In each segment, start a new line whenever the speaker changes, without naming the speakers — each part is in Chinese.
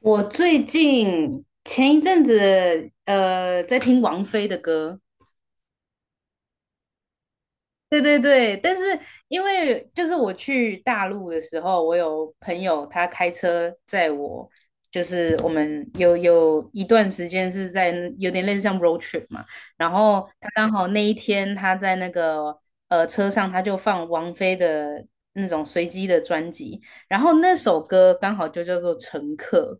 我最近前一阵子在听王菲的歌。对对对，但是因为就是我去大陆的时候，我有朋友他开车载我，就是我们有一段时间是在有点类似像 road trip 嘛，然后他刚好那一天他在那个车上他就放王菲的那种随机的专辑，然后那首歌刚好就叫做《乘客》。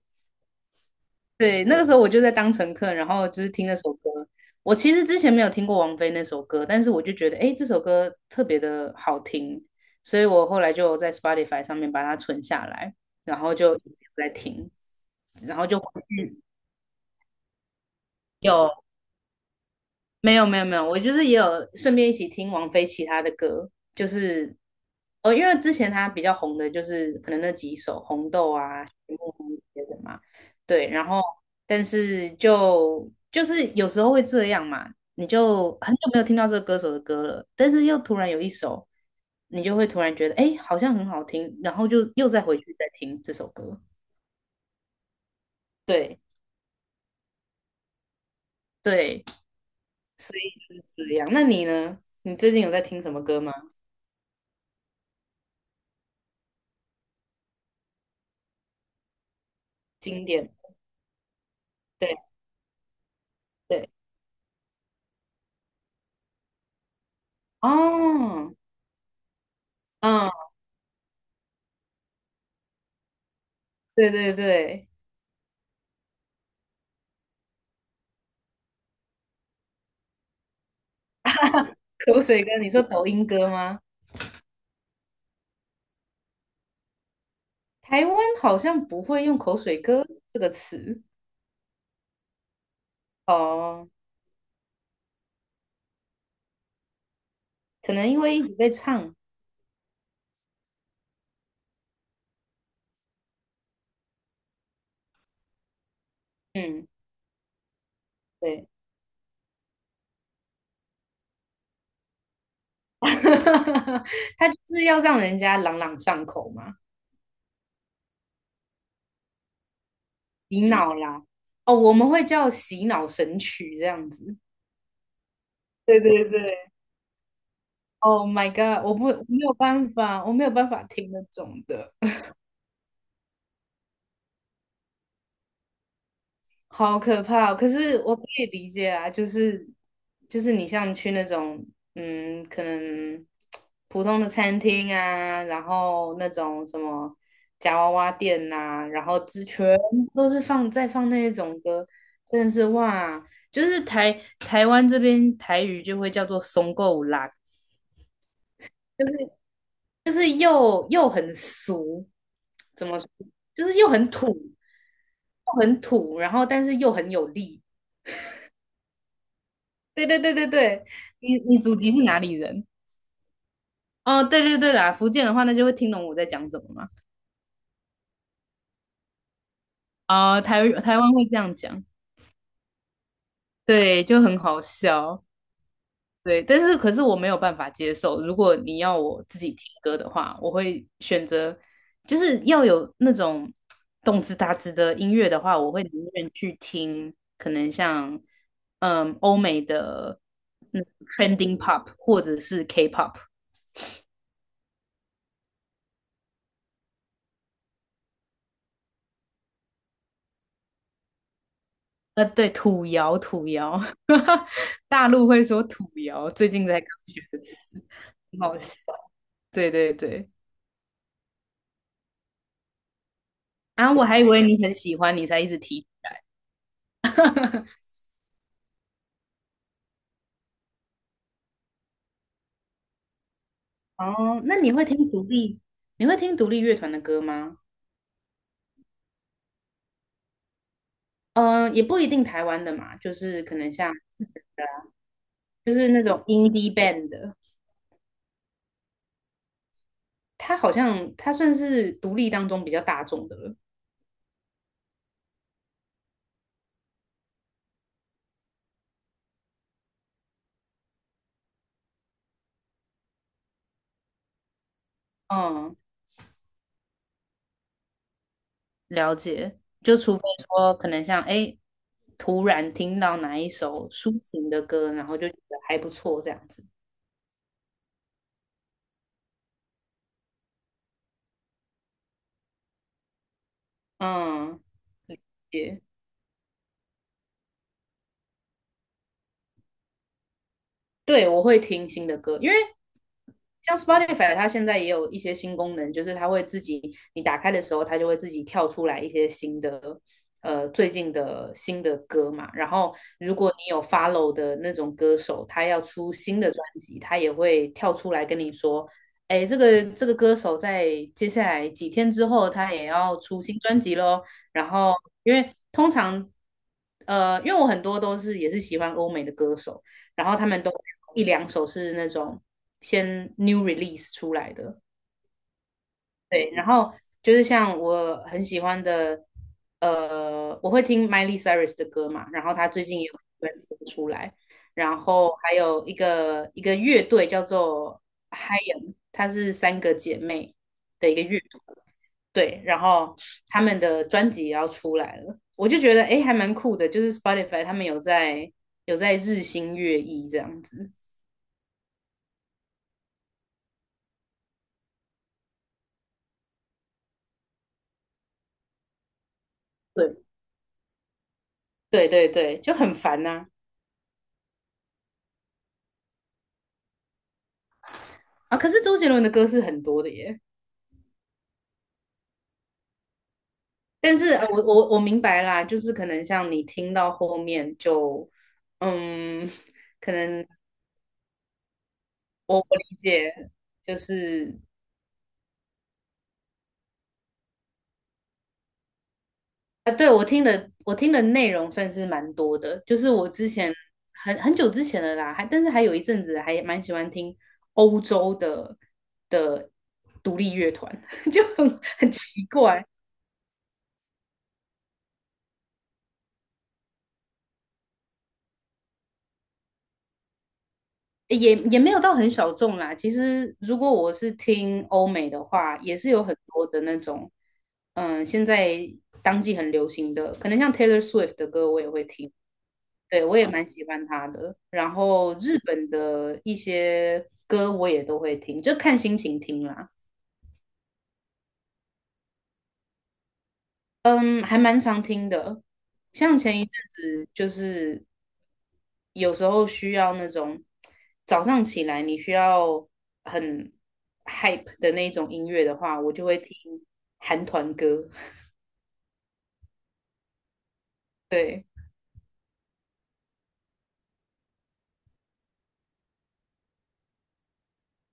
对，那个时候我就在当乘客，然后就是听那首歌。我其实之前没有听过王菲那首歌，但是我就觉得，哎，这首歌特别的好听，所以我后来就在 Spotify 上面把它存下来，然后就一直在听，然后就回去有。没有没有没有，我就是也有顺便一起听王菲其他的歌。就是哦，因为之前她比较红的就是可能那几首《红豆》啊、《雪梦红》这些的嘛。对，然后但是就是有时候会这样嘛，你就很久没有听到这个歌手的歌了，但是又突然有一首，你就会突然觉得哎，诶好像很好听，然后就又再回去再听这首歌。对对，所以就是这样。那你呢？你最近有在听什么歌吗？经典。对。对。哦。嗯。对对对。口水歌，你说抖音歌吗？台湾好像不会用口水歌这个词。哦，可能因为一直被唱。嗯，对。他就是要让人家朗朗上口嘛。洗脑啦，哦，我们会叫洗脑神曲这样子。对对对，Oh my God,我没有办法，我没有办法听那种的。好可怕哦，可是我可以理解啊。就是就是你像去那种嗯，可能普通的餐厅啊，然后那种什么夹娃娃店呐、然后之全部都是放在放那一种歌，真的是哇！就是台湾这边台语就会叫做松够啦。就是就是又很俗。怎么说？就是又很土，又很土，然后但是又很有力。对对对对对，你你祖籍是哪里人？哦，对对对啦，福建的话，那就会听懂我在讲什么嘛。啊、台湾会这样讲。对，就很好笑。对，但是可是我没有办法接受。如果你要我自己听歌的话，我会选择，就是要有那种动次打次的音乐的话，我会宁愿去听，可能像嗯欧美的那 trending pop 或者是 K-pop。对，土窑，土窑。大陆会说土窑，最近在刚学的词，很好笑。对对对。啊，我还以为你很喜欢，你才一直提。哦，那你会听独立，你会听独立乐团的歌吗？嗯、也不一定台湾的嘛，就是可能像日本的啊，就是那种 indie band 的，它好像它算是独立当中比较大众的了。嗯，了解，就除非说可能像哎，诶突然听到哪一首抒情的歌，然后就觉得还不错这样子。嗯，对。对，我会听新的歌，因为像 Spotify 它现在也有一些新功能，就是它会自己，你打开的时候，它就会自己跳出来一些新的，最近的新的歌嘛。然后如果你有 follow 的那种歌手，他要出新的专辑，他也会跳出来跟你说，哎，这个歌手在接下来几天之后，他也要出新专辑喽。然后因为通常，因为我很多都是也是喜欢欧美的歌手。然后他们都一两首是那种先 new release 出来的。对，然后就是像我很喜欢的，我会听 Miley Cyrus 的歌嘛，然后他最近也有专辑出来，然后还有一个乐队叫做 h y e m, 她是三个姐妹的一个乐团。对，然后他们的专辑也要出来了，我就觉得诶还蛮酷的，就是 Spotify 他们有在日新月异这样子。对。对对对，就很烦呐、啊。啊可是周杰伦的歌是很多的耶，但是我明白啦，就是可能像你听到后面就，嗯，可能我理解，就是啊，对我听的，我听的内容算是蛮多的，就是我之前很很久之前的啦，还但是还有一阵子还蛮喜欢听欧洲的的独立乐团，就很奇怪，也没有到很小众啦。其实如果我是听欧美的话，也是有很多的那种。嗯，现在当季很流行的，可能像 Taylor Swift 的歌我也会听。对，我也蛮喜欢他的。然后日本的一些歌我也都会听，就看心情听啦。嗯，还蛮常听的。像前一阵子就是有时候需要那种早上起来你需要很 hype 的那种音乐的话，我就会听韩团歌。对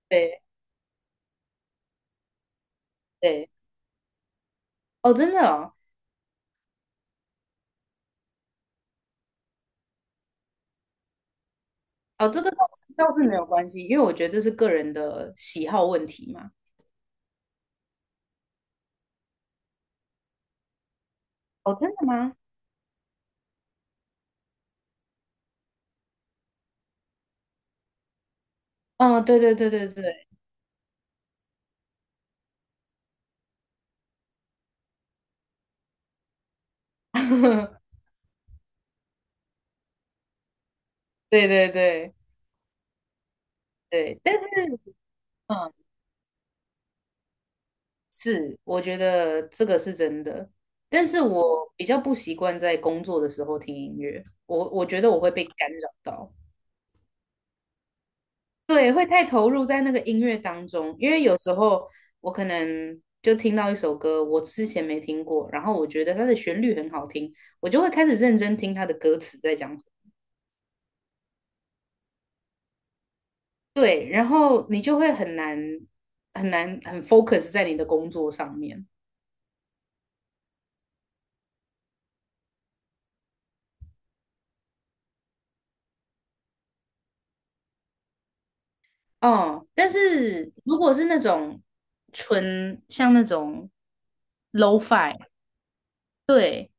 对对。哦，真的哦。哦，这个倒是没有关系，因为我觉得这是个人的喜好问题嘛。哦，真的吗？嗯，对对对对对，对对对对，但是。嗯。是，我觉得这个是真的，但是我比较不习惯在工作的时候听音乐，我觉得我会被干扰到。对，会太投入在那个音乐当中，因为有时候我可能就听到一首歌，我之前没听过，然后我觉得它的旋律很好听，我就会开始认真听它的歌词在讲什么。对，然后你就会很难很难很 focus 在你的工作上面。哦，但是如果是那种纯像那种 lo-fi，w 对，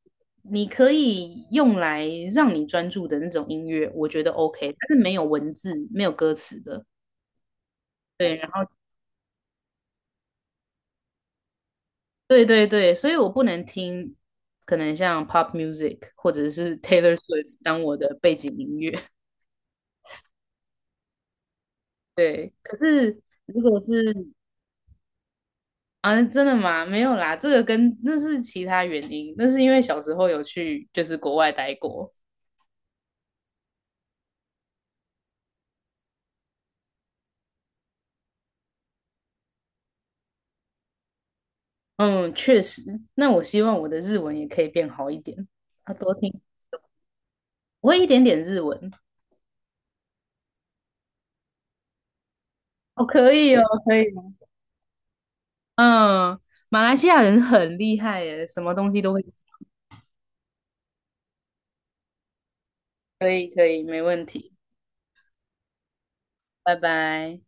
你可以用来让你专注的那种音乐，我觉得 OK,它是没有文字、没有歌词的。对，然后对对对，所以我不能听可能像 pop music 或者是 Taylor Swift 当我的背景音乐。对，可是如果是啊，真的吗？没有啦，这个跟那是其他原因，那是因为小时候有去就是国外待过。嗯，确实。那我希望我的日文也可以变好一点，要多听，我会一点点日文。哦，可以哦，可以哦。嗯，马来西亚人很厉害耶，什么东西都会。可以，可以，没问题。拜拜。